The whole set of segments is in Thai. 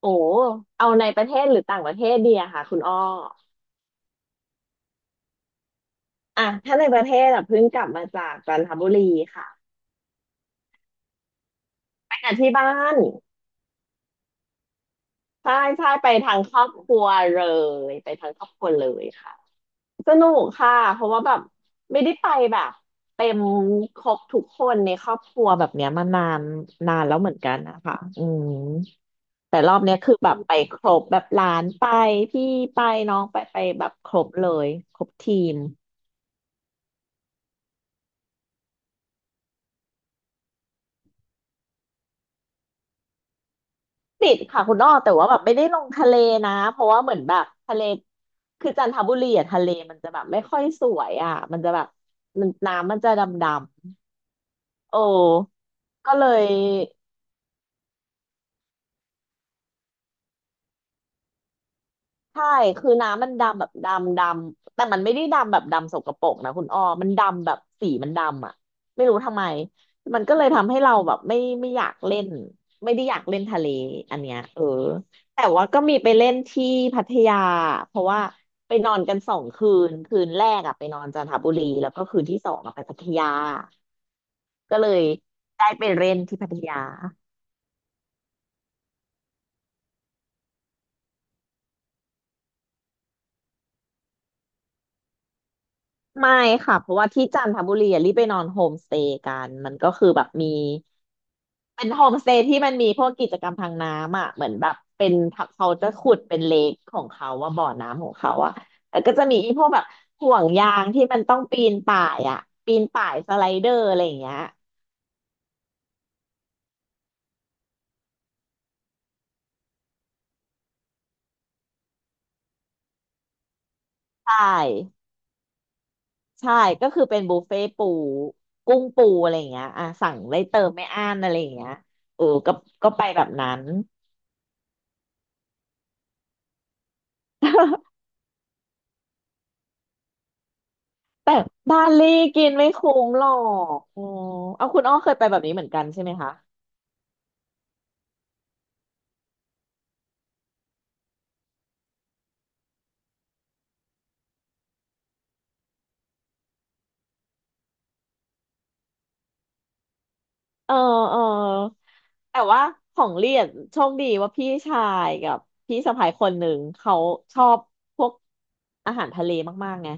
โอ้เอาในประเทศหรือต่างประเทศดีอะค่ะคุณอ้ออ่ะถ้าในประเทศอะเพิ่งกลับมาจากจันทบุรีค่ะไปกับที่บ้าน ใช่ใช่ไปทางครอบครัวเลยไปทางครอบครัวเลยค่ะสนุกค่ะเพราะว่าแบบไม่ได้ไปแบบเต็มครบทุกคนในครอบครัวแบบเนี้ยมานานนานแล้วเหมือนกันนะคะอืมแต่รอบเนี้ยคือแบบไปครบแบบหลานไปพี่ไปน้องไปไปแบบครบเลยครบทีม ติดค่ะคุณอ้อแต่ว่าแบบไม่ได้ลงทะเลนะเพราะว่าเหมือนแบบทะเลคือจันทบุรีอะทะเลมันจะแบบไม่ค่อยสวยอ่ะมันจะแบบมันน้ำมันจะดำๆโอ้ก็เลย ใช่คือน้ำมันดำแบบดำดำแต่มันไม่ได้ดำแบบดำสกปรกนะคุณอ้อมันดำแบบสีมันดำอ่ะไม่รู้ทำไม มันก็เลยทำให้เราแบบไม่อยากเล่นไม่ได้อยากเล่นทะเลอันเนี้ยเออแต่ว่าก็มีไปเล่นที่พัทยาเพราะว่าไปนอนกันสองคืนคืนแรกอ่ะไปนอนจันทบุรีแล้วก็คืนที่สองอะไปพัทยาก็เลยได้ไปเล่นที่พัทยาไม่ค่ะเพราะว่าที่จันทบุรีอะรีบไปนอนโฮมสเตย์กันมันก็คือแบบมี เป็นโฮมสเตย์ที่มันมีพวกกิจกรรมทางน้ำอ่ะเหมือนแบบเป็นเขาจะขุดเป็นเลคของเขาว่าบ่อน้ำของเขาอ่ะแล้วก็จะมีพวกแบบห่วงยางที่มันต้องปีนป่ายอ่ะปีนป่ายสไลเดอร์อะไรอย่างเงี้ยใช่ใช่ก็คือเป็นบุฟเฟ่ปูกุ้งปูอะไรอย่างเงี้ยอ่ะสั่งได้เติมไม่อั้นอะไรอย่างเงี้ยเออก็ก็ไปแบบนั้น แต่บาหลีกินไม่คุ้มหรอกอ๋อเอาคุณอ้อเคยไปแบบนี้เหมือนกันใช่ไหมคะ เออเออแต่ว่าของเรียนโชคดีว่าพี่ชายกับพี่สะใภ้คนหนึ่งเขาชอบพวกอาหารทะเลมากๆไง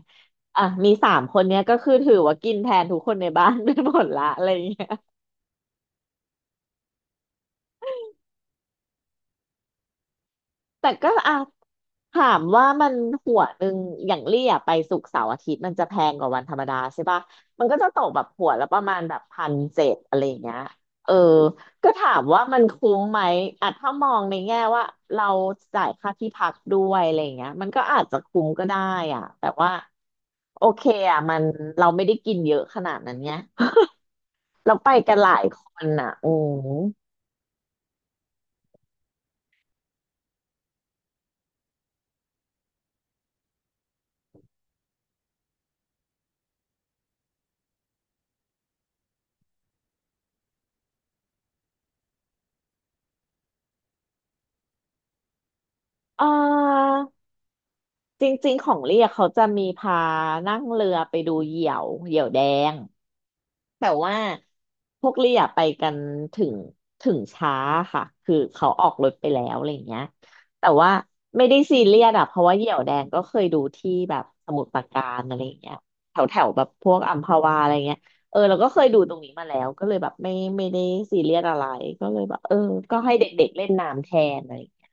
อ่ะมีสามคนเนี้ยก็คือถือว่ากินแทนทุกคนในบ้าน ไปหมดละอะไรอย่างเงี้ย แต่ก็อ่ะถามว่ามันหัวหนึ่งอย่างเลี่ยไปศุกร์เสาร์อาทิตย์มันจะแพงกว่าวันธรรมดาใช่ปะมันก็จะตกแบบหัวละประมาณแบบพันเจ็ดอะไรอย่างเงี้ยเออก็ถามว่ามันคุ้มไหมอ่ะถ้ามองในแง่ว่าเราจ่ายค่าที่พักด้วยอะไรอย่างเงี้ยมันก็อาจจะคุ้มก็ได้อ่ะแต่ว่าโอเคอ่ะมันเราไม่ได้กินเยอะขนาดนั้นไง เราไปกันหลายคนอ่ะอืมเออ จริงๆ ของเรียกเขาจะมีพานั่งเรือไปดูเหยี่ยวเหยี่ยวแดงแต่ว่าพวกเรียไปกันถึงถึงช้าค่ะคือเขาออกรถไปแล้วอะไรอย่างเงี้ยแต่ว่าไม่ได้ซีเรียสอะเพราะว่าเหยี่ยวแดงก็เคยดูที่แบบสมุทรปราการอะไรอย่างเงี้ยแถวแถวแบบพวกอัมพวาอะไรเงี้ยเออเราก็เคยดูตรงนี้มาแล้วก็เลยแบบไม่ได้ซีเรียสอะไรก็เลยแบบเออก็ให้เด็กๆเล่นน้ำแทนอะไรอย่างเงี้ย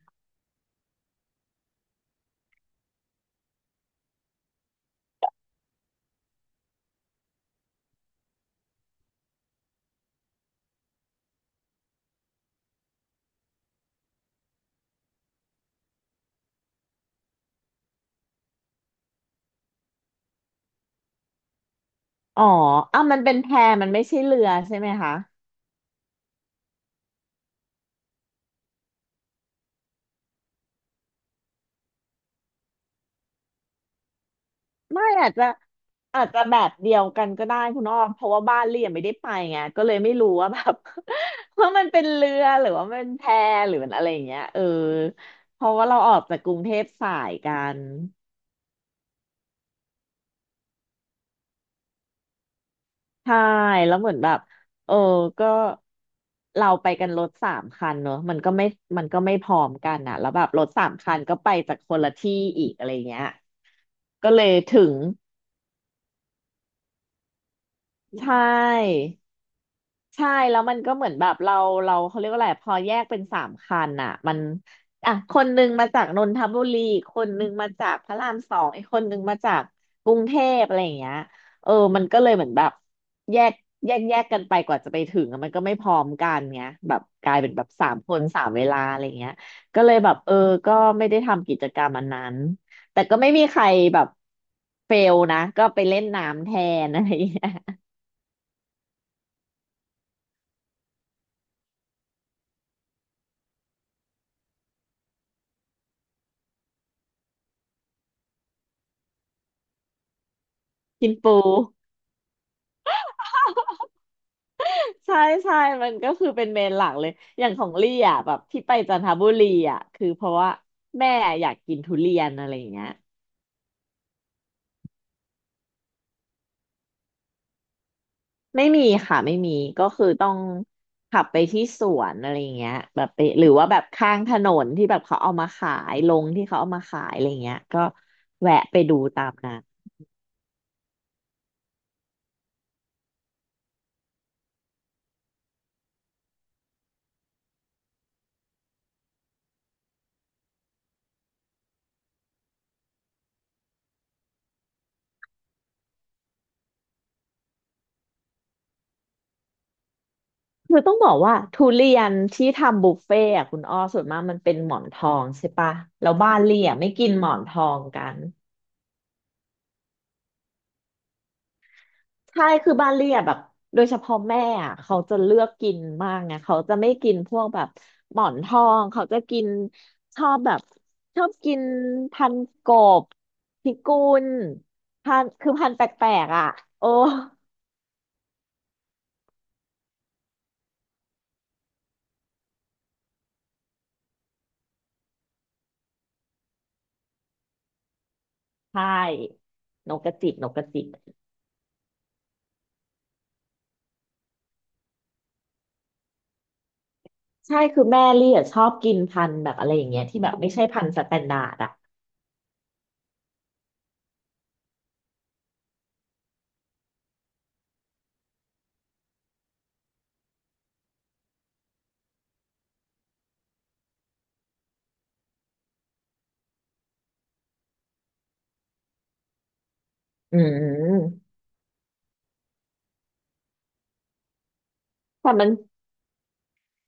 อ๋ออ่ะมันเป็นแพมันไม่ใช่เรือใช่ไหมคะ ไม่อาจจะอาจจะแบบเดียวกันก็ได้คุณอ้อมเพราะว่าบ้านเรียนไม่ได้ไปไงก็เลยไม่รู้ว่าแบบ ว่ามันเป็นเรือหรือว่ามันแพหรือมันอะไรอย่างเงี้ยเออเพราะว่าเราออกจากกรุงเทพสายกันใช่แล้วเหมือนแบบเออก็เราไปกันรถสามคันเนอะมันก็ไม่พร้อมกันอ่ะแล้วแบบรถสามคันก็ไปจากคนละที่อีกอะไรเงี้ยก็เลยถึงใช่ ใช่แล้วมันก็เหมือนแบบเราเขาเรียกว่าอะไรพอแยกเป็นสามคันอ่ะมันอ่ะคนหนึ่งมาจากนนทบุรีอีกคนหนึ่งมาจากพระรามสองอีกคนหนึ่งมาจากกรุงเทพอะไรอย่างเงี้ยเออมันก็เลยเหมือนแบบแยกแยกกันไปกว่าจะไปถึงอะมันก็ไม่พร้อมกันเงี้ยแบบกลายเป็นแบบสามคนสามเวลาอะไรเงี้ยก็เลยแบบเออก็ไม่ได้ทำกิจกรรมอันนั้นแต่ก็ไม่มีใครแบบเฟลนะก็ไปเล่นน้ำแทนอะไรอย่างเงี้ย กินปู ใช่ใช่มันก็คือเป็นเมนหลักเลย อย่างของลี่อ่ะแบบที่ไปจันทบุรีอ่ะคือเพราะว่าแม่อยากกินทุเรียนอะไรอย่างเงี้ยไม่มีค่ะไม่มีก็คือต้องขับไปที่สวนอะไรอย่างเงี้ยแบบไปหรือว่าแบบข้างถนนที่แบบเขาเอามาขายลงที่เขาเอามาขายอะไรอย่างเงี้ยก็แวะไปดูตามนั้นคือต้องบอกว่าทุเรียนที่ทำบุฟเฟ่อะคุณอ้อส่วนมากมันเป็นหมอนทองใช่ปะแล้วบ้านเลี่ยไม่กินหมอนทองกัน ใช่คือบ้านเรียบแบบโดยเฉพาะแม่อะเขาจะเลือกกินมากไงเขาจะไม่กินพวกแบบหมอนทองเขาจะกินชอบแบบชอบกินพันกบพิกุลพันคือพันแปลกๆอ่ะโอ้ใช่นกกระจิบนกกระจิบใช่คือแม่เรียชอบกินพันธุ์แบบอะไรอย่างเงี้ยที่แบบไม่ใช่พันธุ์สแตนดาร์ดอ่ะอืมแต่มัน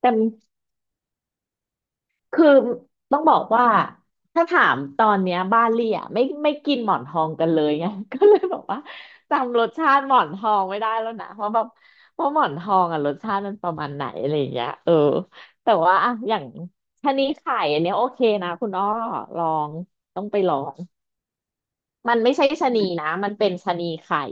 แต่ คือต้องบอกว่าถ้าถามตอนเนี้ยบ้านเลี่ยไม่กินหมอนทองกันเลยไง ก็เลยบอกว่าจำรสชาติหมอนทองไม่ได้แล้วนะเพราะแบบเพราะหมอนทองอ่ะรสชาติมันประมาณไหนอะไรอย่างเงี้ยแต่ว่าอะอย่างชะนีไข่อันเนี้ยโอเคนะคุณอ้อลองต้องไปลองมันไม่ใช่ชะนีนะมันเป็นชะนีไข่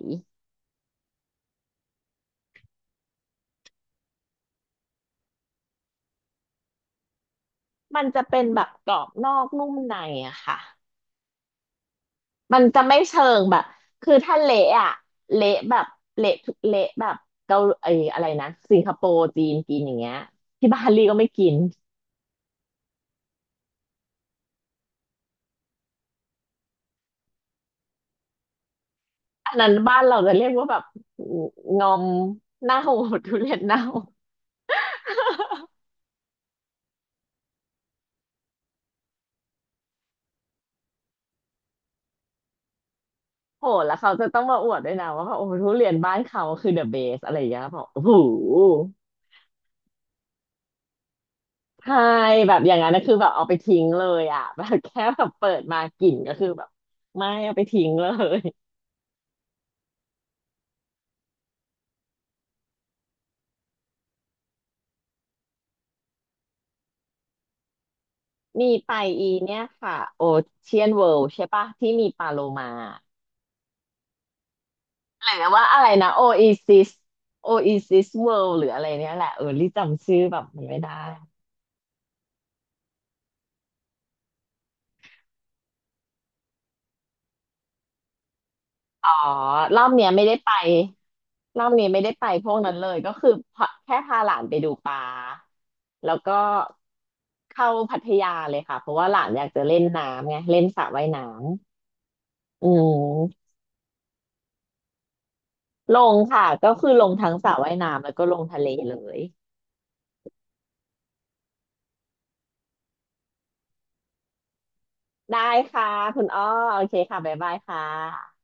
มันจะเป็นแบบกรอบนอกนุ่มในอะค่ะ มันจะไม่เชิงแบบคือถ้าเละอะเละแบบเละทุกเละแบบเกาไอ้อะไรนะสิงคโปร์จีนกินอย่างเงี้ยที่บาหลีก็ไม่กินอันนั้นบ้านเราจะเรียกว่าแบบงอมเน่าโหดทุเรียนเน่าโหดแล้วเขาจะต้องมาอวดด้วยนะว่าแบบโอ้โหทุเรียนบ้านเขาคือเดอะเบสอะไรอย่างเงี้ยบอกโอ้โหใช่แบบอย่างนั้นนะคือแบบเอาไปทิ้งเลยอ่ะ แบบแค่แบบเปิดมากลิ่นก็คือแบบไม่เอาไปทิ้งเลย มีไปอีเนี่ยค่ะโอเชียนเวิลด์ใช่ปะที่มีปลาโลมาหรือว่าอะไรนะโอเอซิสโอเอซิสเวิลด์หรืออะไรเนี่ยแหละรีจำชื่อแบบมันไม่ได้อ๋อรอบเนี้ยไม่ได้ไปรอบนี้ไม่ได้ไปพวกนั้นเลยก็คือพาแค่พาหลานไปดูปลาแล้วก็เข้าพัทยาเลยค่ะเพราะว่าหลานอยากจะเล่นน้ำไงเล่นสระว่ายน้ำอืมลงค่ะก็คือลงทั้งสระว่ายน้ำแล้วก็ลงทะเลเลย ได้ค่ะคุณอ้อโอเคค่ะบ๊ายบายค่ะ